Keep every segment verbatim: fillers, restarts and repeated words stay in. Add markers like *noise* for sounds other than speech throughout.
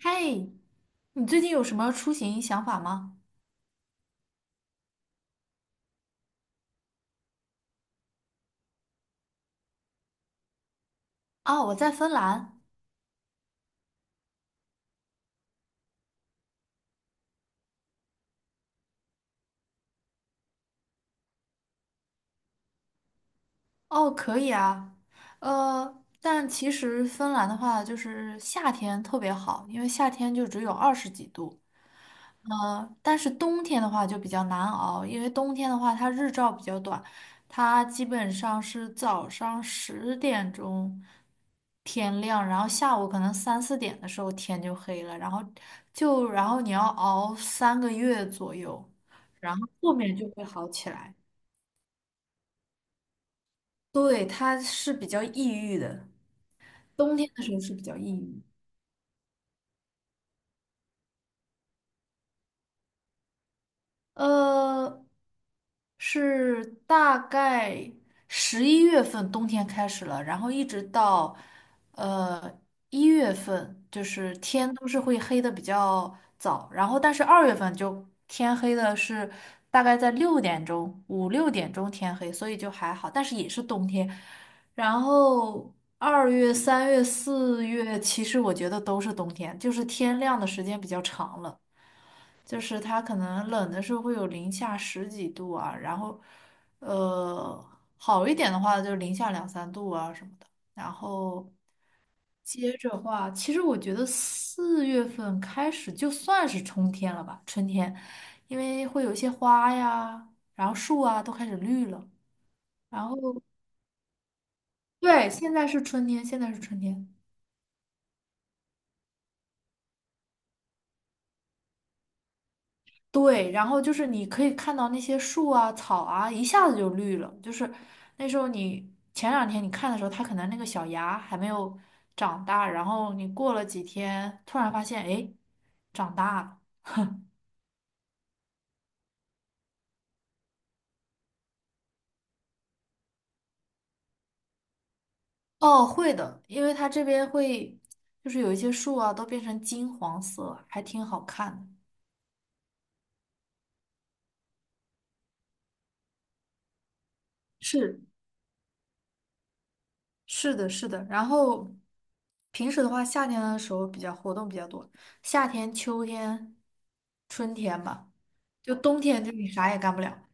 嘿，你最近有什么出行想法吗？啊，我在芬兰。哦，可以啊。呃，但其实芬兰的话，就是夏天特别好，因为夏天就只有二十几度，呃，但是冬天的话就比较难熬，因为冬天的话它日照比较短，它基本上是早上十点钟天亮，然后下午可能三四点的时候天就黑了，然后就然后你要熬三个月左右，然后后面就会好起来。对，它是比较抑郁的，冬天的时候是比较抑郁。呃，是大概十一月份冬天开始了，然后一直到呃一月份，就是天都是会黑的比较早，然后但是二月份就天黑的是大概在六点钟，五六点钟天黑，所以就还好，但是也是冬天。然后二月、三月、四月，其实我觉得都是冬天，就是天亮的时间比较长了。就是它可能冷的时候会有零下十几度啊，然后，呃，好一点的话就零下两三度啊什么的。然后接着话，其实我觉得四月份开始就算是春天了吧，春天，因为会有一些花呀，然后树啊都开始绿了。然后对，现在是春天，现在是春天。对，然后就是你可以看到那些树啊、草啊，一下子就绿了。就是那时候你前两天你看的时候，它可能那个小芽还没有长大，然后你过了几天，突然发现，哎，长大了。哦，会的，因为它这边会，就是有一些树啊，都变成金黄色，还挺好看的。是，是的，是的。然后平时的话，夏天的时候比较活动比较多，夏天、秋天、春天吧。就冬天，就你啥也干不了。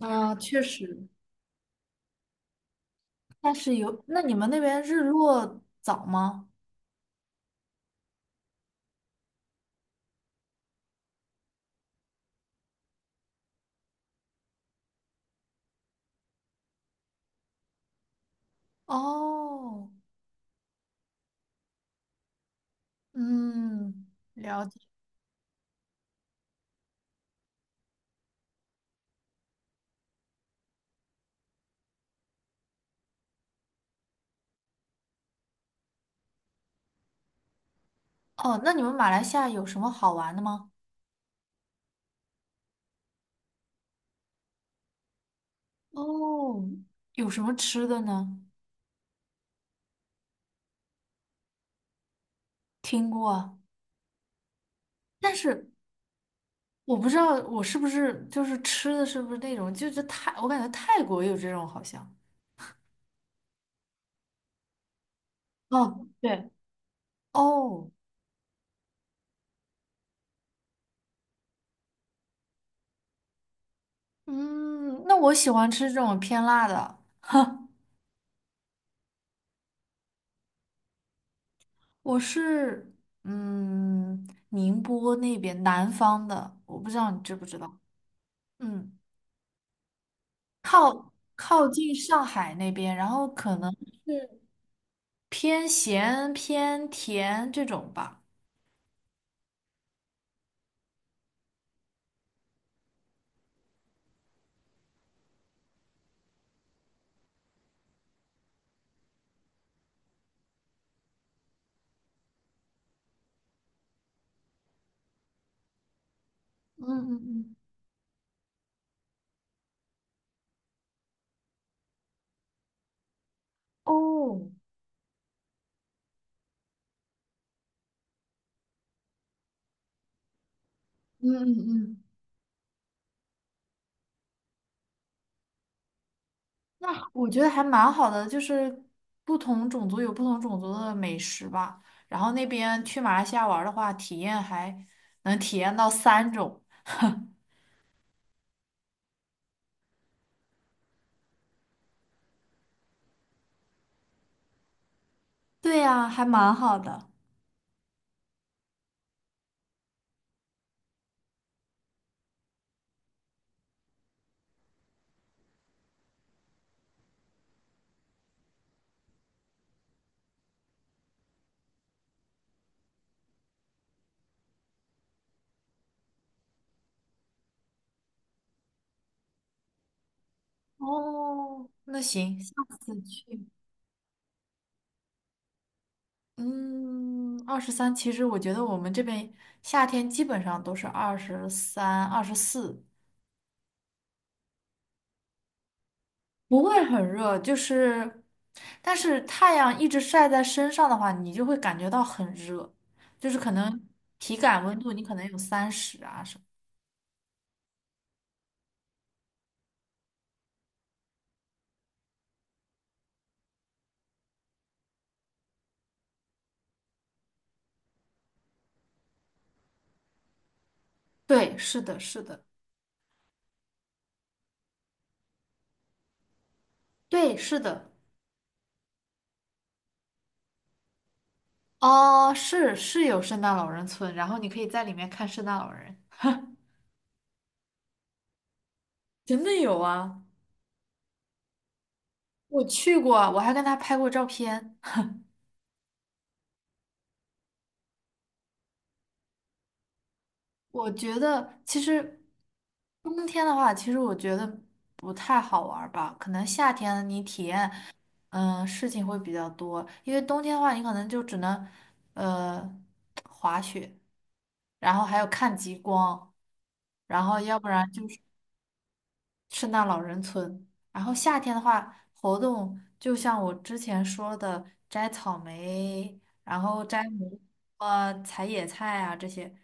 啊，确实。但是有，那你们那边日落早吗？哦，嗯，了解。哦，那你们马来西亚有什么好玩的吗？哦，有什么吃的呢？听过啊但是我不知道我是不是就是吃的是不是那种，就是泰，我感觉泰国有这种好像。哦，对，哦，嗯，那我喜欢吃这种偏辣的。*laughs* 我是嗯宁波那边南方的，我不知道你知不知道。嗯，靠靠近上海那边，然后可能是偏咸偏甜这种吧。嗯嗯嗯哦，嗯嗯嗯。那我觉得还蛮好的，就是不同种族有不同种族的美食吧。然后那边去马来西亚玩儿的话，体验还能体验到三种。对呀，还蛮好的。哦，那行，下次去。嗯，二十三，其实我觉得我们这边夏天基本上都是二十三、二十四。不会很热，就是，但是太阳一直晒在身上的话，你就会感觉到很热，就是可能体感温度你可能有三十啊什么。对，是的，是的，对，是的，哦，是是有圣诞老人村，然后你可以在里面看圣诞老人，真的有啊，我去过，我还跟他拍过照片。我觉得其实冬天的话，其实我觉得不太好玩儿吧。可能夏天你体验，嗯、事情会比较多。因为冬天的话，你可能就只能，呃，滑雪，然后还有看极光，然后要不然就是圣诞老人村。然后夏天的话，活动就像我之前说的，摘草莓，然后摘蘑，啊采野菜啊这些。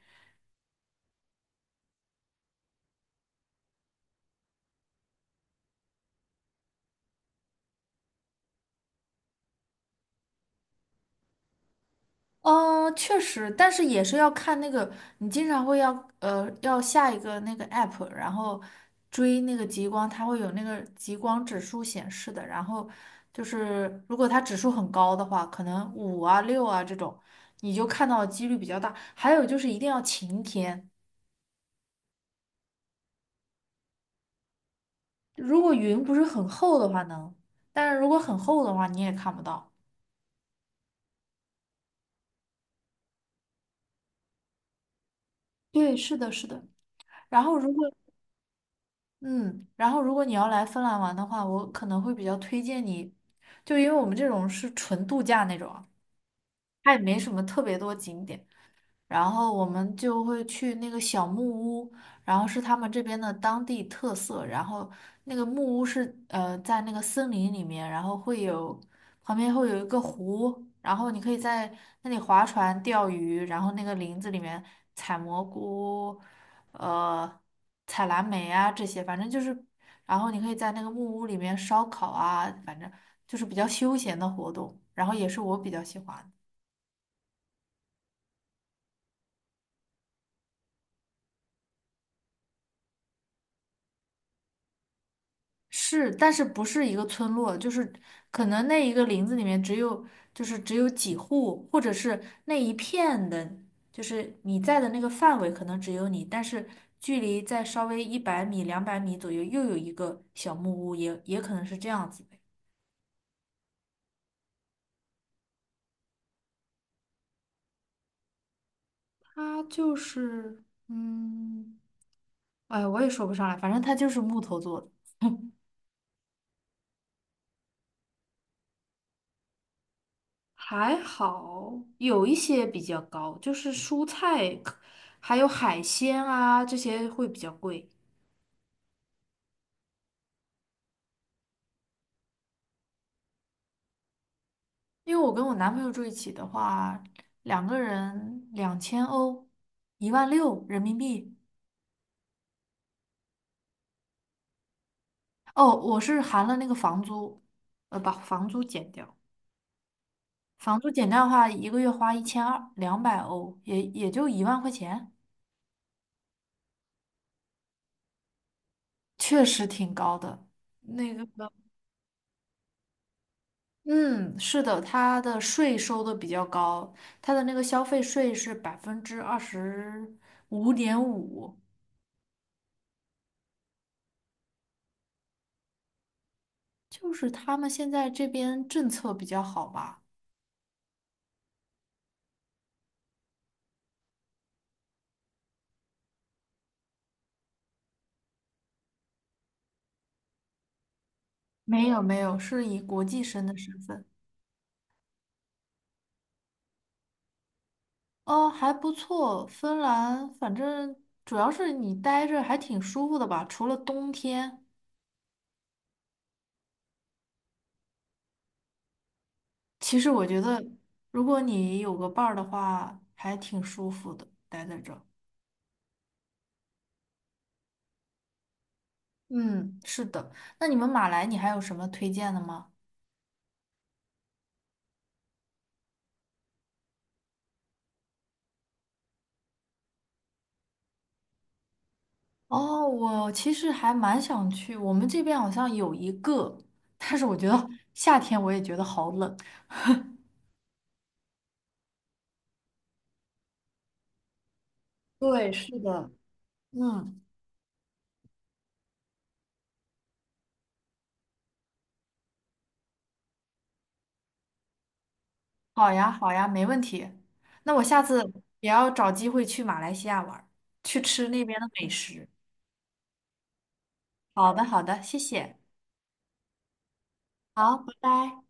嗯，确实，但是也是要看那个，你经常会要呃要下一个那个 app，然后追那个极光，它会有那个极光指数显示的。然后就是如果它指数很高的话，可能五啊六啊这种，你就看到的几率比较大。还有就是一定要晴天，如果云不是很厚的话能，但是如果很厚的话你也看不到。对，是的，是的。然后如果嗯，然后如果你要来芬兰玩的话，我可能会比较推荐你，就因为我们这种是纯度假那种啊它也没什么特别多景点。然后我们就会去那个小木屋，然后是他们这边的当地特色。然后那个木屋是呃在那个森林里面，然后会有旁边会有一个湖，然后你可以在那里划船、钓鱼，然后那个林子里面采蘑菇，呃，采蓝莓啊这些，反正就是，然后你可以在那个木屋里面烧烤啊，反正就是比较休闲的活动，然后也是我比较喜欢的。是，但是不是一个村落，就是可能那一个林子里面只有就是只有几户，或者是那一片的，就是你在的那个范围可能只有你，但是距离在稍微一百米、两百米左右又有一个小木屋，也也可能是这样子的。它就是，嗯，哎，我也说不上来，反正它就是木头做的。*laughs* 还好，有一些比较高，就是蔬菜，还有海鲜啊，这些会比较贵。因为我跟我男朋友住一起的话，两个人两千欧，一万六人民币。哦，我是含了那个房租，呃，把房租减掉，房租减掉的话，一个月花一千二，两百欧，也也就一万块钱，确实挺高的。那个。嗯，是的，它的税收的比较高，它的那个消费税是百分之二十五点五，就是他们现在这边政策比较好吧？没有没有，是以国际生的身份。哦，还不错，芬兰，反正主要是你待着还挺舒服的吧，除了冬天。其实我觉得，如果你有个伴儿的话，还挺舒服的，待在这儿。嗯，是的。那你们马来，你还有什么推荐的吗？哦，我其实还蛮想去，我们这边好像有一个，但是我觉得 *laughs* 夏天我也觉得好冷。*laughs* 对，是的。嗯，好呀，好呀，没问题。那我下次也要找机会去马来西亚玩儿去吃那边的美食。好的，好的，谢谢。好，拜拜。